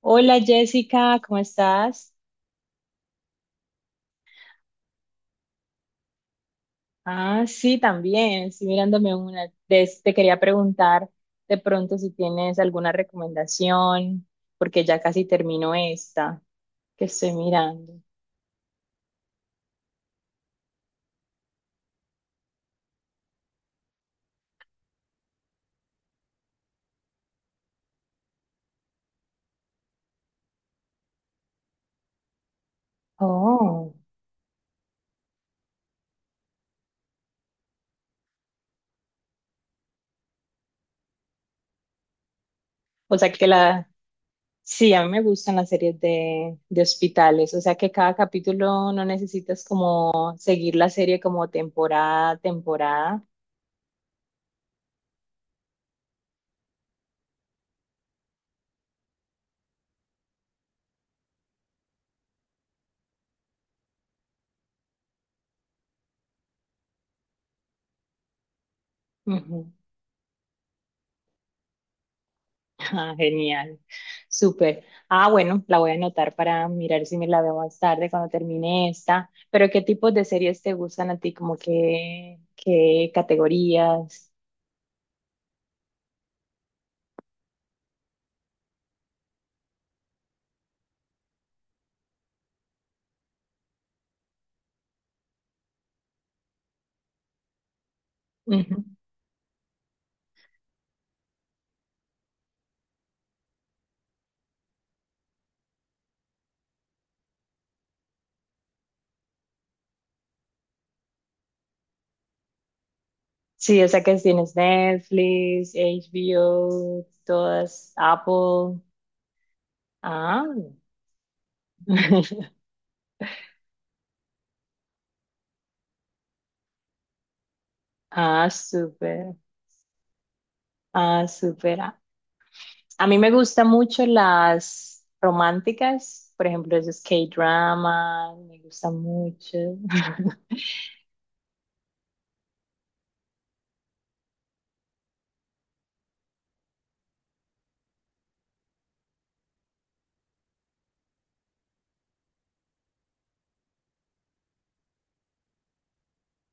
Hola Jessica, ¿cómo estás? Ah, sí, también, estoy mirándome una. Te quería preguntar de pronto si tienes alguna recomendación, porque ya casi termino esta que estoy mirando. Oh, o sea que la... Sí, a mí me gustan las series de hospitales, o sea que cada capítulo no necesitas como seguir la serie como temporada, a temporada. Ujú. Ah, genial, súper. Ah, bueno, la voy a anotar para mirar si me la veo más tarde cuando termine esta. Pero ¿qué tipos de series te gustan a ti? ¿Como qué categorías? Ujú. Sí, o sea que si tienes Netflix, HBO, todas, Apple. Ah, ah, súper, ah, súper. Ah, a mí me gustan mucho las románticas, por ejemplo, esos K-drama, me gustan mucho.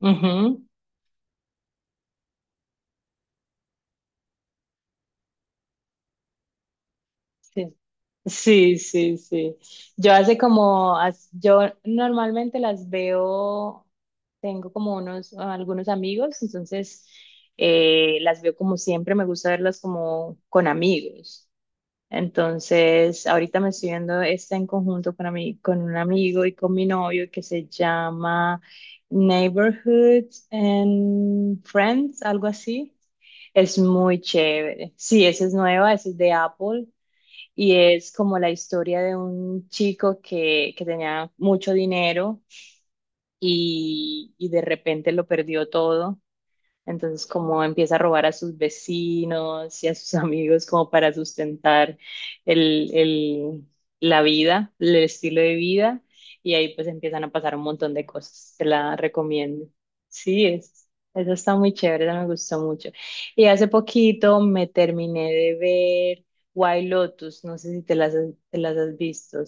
Ujú, sí, sí, sí, sí. Yo hace como, yo normalmente las veo, tengo como unos, algunos amigos, entonces las veo como siempre, me gusta verlas como con amigos. Entonces, ahorita me estoy viendo esta en conjunto con, con un amigo y con mi novio, que se llama Neighborhood and Friends, algo así. Es muy chévere. Sí, esa es nueva, esa es de Apple. Y es como la historia de un chico que tenía mucho dinero y de repente lo perdió todo, entonces como empieza a robar a sus vecinos y a sus amigos, como para sustentar el, el- la vida, el estilo de vida, y ahí pues empiezan a pasar un montón de cosas. Te la recomiendo. Sí, es, eso está muy chévere, esa me gustó mucho. Y hace poquito me terminé de ver White Lotus, no sé si te las, te las has visto.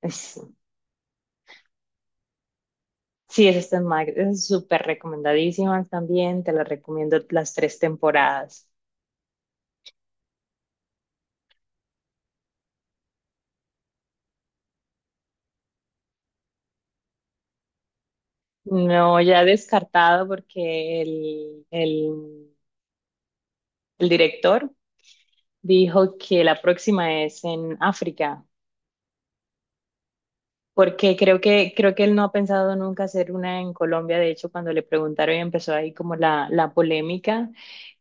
Es- sí, esas están esas súper recomendadísimas también, te las recomiendo las tres temporadas. No, ya descartado porque el director dijo que la próxima es en África, porque creo que él no ha pensado nunca hacer una en Colombia. De hecho, cuando le preguntaron y empezó ahí como la polémica,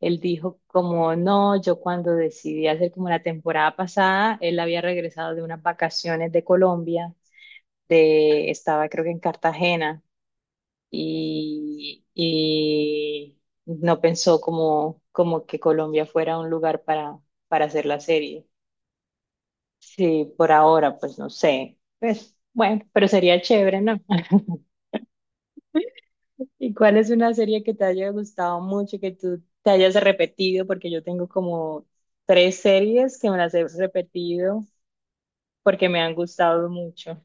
él dijo como, no, yo cuando decidí hacer como la temporada pasada, él había regresado de unas vacaciones de Colombia, de, estaba creo que en Cartagena. Y no pensó como, como que Colombia fuera un lugar para hacer la serie. Sí, por ahora, pues no sé. Pues bueno, pero sería chévere, ¿no? ¿Y cuál es una serie que te haya gustado mucho, que tú te hayas repetido? Porque yo tengo como tres series que me las he repetido porque me han gustado mucho.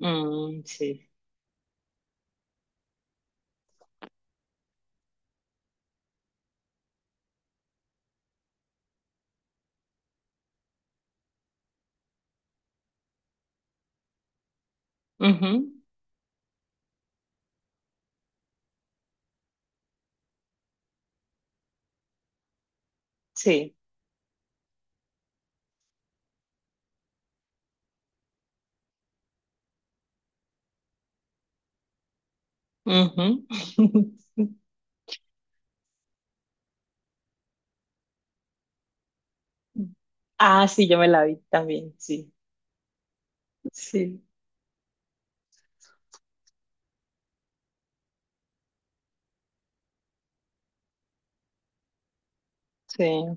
Mm, sí. Ujú, sí. Ujú. Ah, sí, yo me la vi también, sí, sí, sí.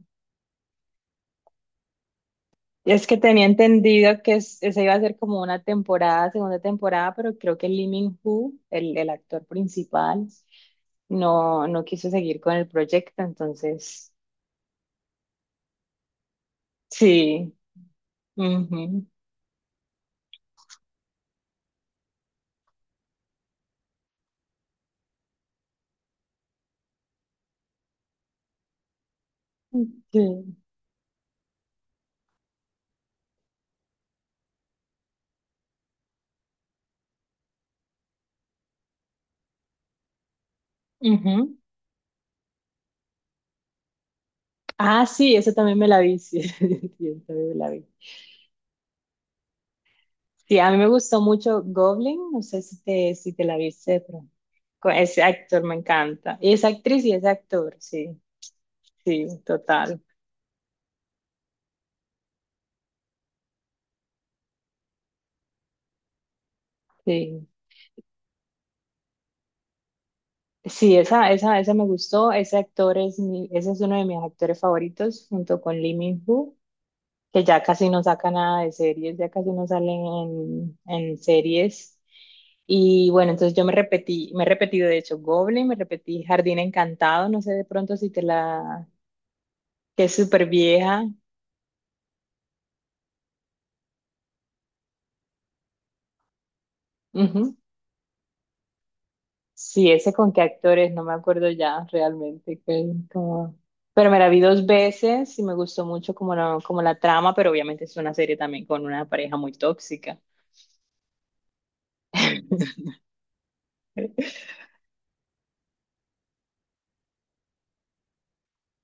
Y es que tenía entendido que esa iba a ser como una temporada, segunda temporada, pero creo que Lee Min-ho, el actor principal, no, no quiso seguir con el proyecto, entonces, sí. Ujú, sí, ujú. Ah, sí, eso también me la vi, sí, sí, esa también me la vi. Sí, a mí me gustó mucho Goblin, no sé si te, si te la viste, pero con ese actor me encanta. Y esa actriz y ese actor, sí, sí, total. Sí, sí, esa me gustó. Ese actor es mi, ese es uno de mis actores favoritos, junto con Lee Min-ho, que ya casi no saca nada de series, ya casi no salen en series. Y bueno, entonces yo me repetí, me he repetido de hecho Goblin, me repetí Jardín Encantado, no sé de pronto si te la, que es súper vieja. Sí, ese con qué actores, no me acuerdo ya realmente. Como- Pero me la vi dos veces y me gustó mucho como la trama, pero obviamente es una serie también con una pareja muy tóxica.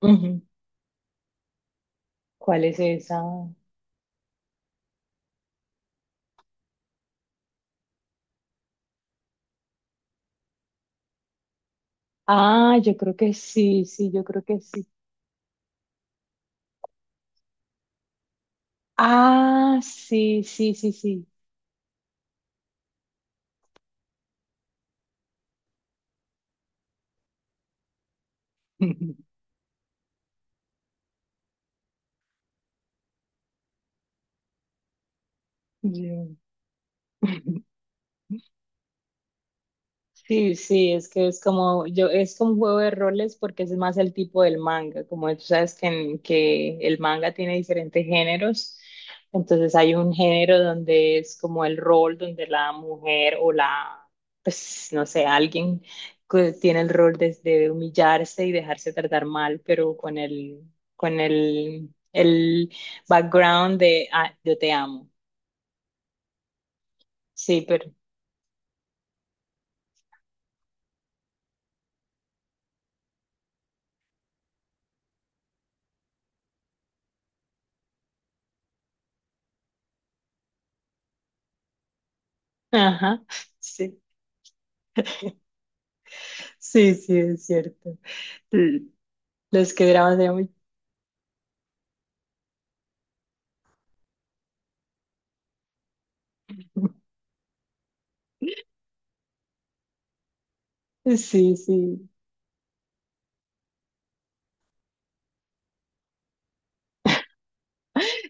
Ujú. ¿Cuál es esa? Ah, yo creo que sí, sí, yo creo que sí. Ah, sí, sí, sí, sí. Yo- Sí, sí, es que es como, yo, es como un juego de roles porque es más el tipo del manga, como tú sabes que, que el manga tiene diferentes géneros, entonces hay un género donde es como el rol, donde la mujer pues no sé, alguien que tiene el rol de humillarse y dejarse tratar mal, pero con el background de, ah, yo te amo, sí, pero, ajá, sí. Sí, sí, es cierto. L- Los que dramas eran muy... Sí, sí.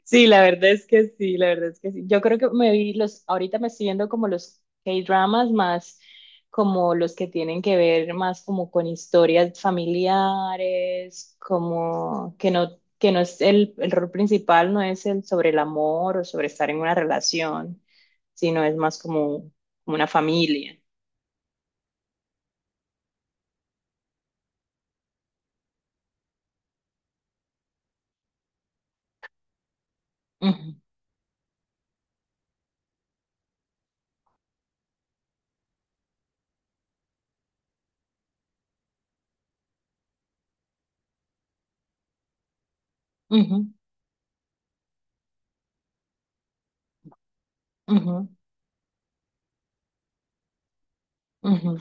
Sí, la verdad es que sí, la verdad es que sí. Yo creo que me vi los, ahorita me estoy viendo como los K-dramas más como los que tienen que ver más como con historias familiares, como que no es el rol principal, no es el sobre el amor o sobre estar en una relación, sino es más como, como una familia. Ujú, ujú, ujú, ujú,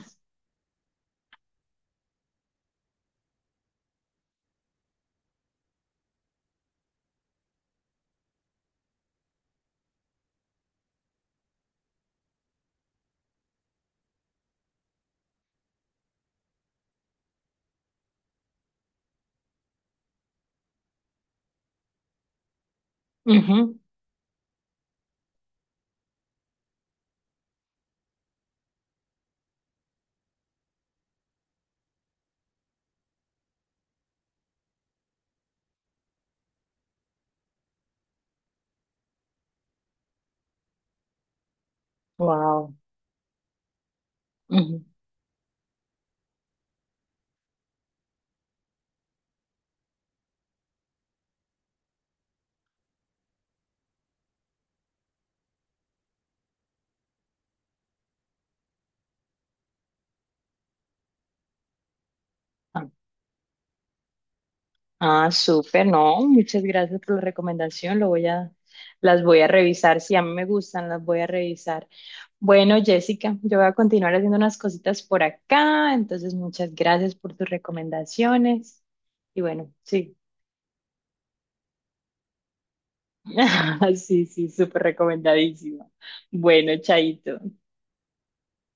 ujú. Wow. Ujú. Ah, ah, súper, no, muchas gracias por la recomendación. Lo voy a, las voy a revisar. Si a mí me gustan, las voy a revisar. Bueno, Jessica, yo voy a continuar haciendo unas cositas por acá. Entonces, muchas gracias por tus recomendaciones. Y bueno, sí. Sí, sí, súper recomendadísimo. Bueno, chaito.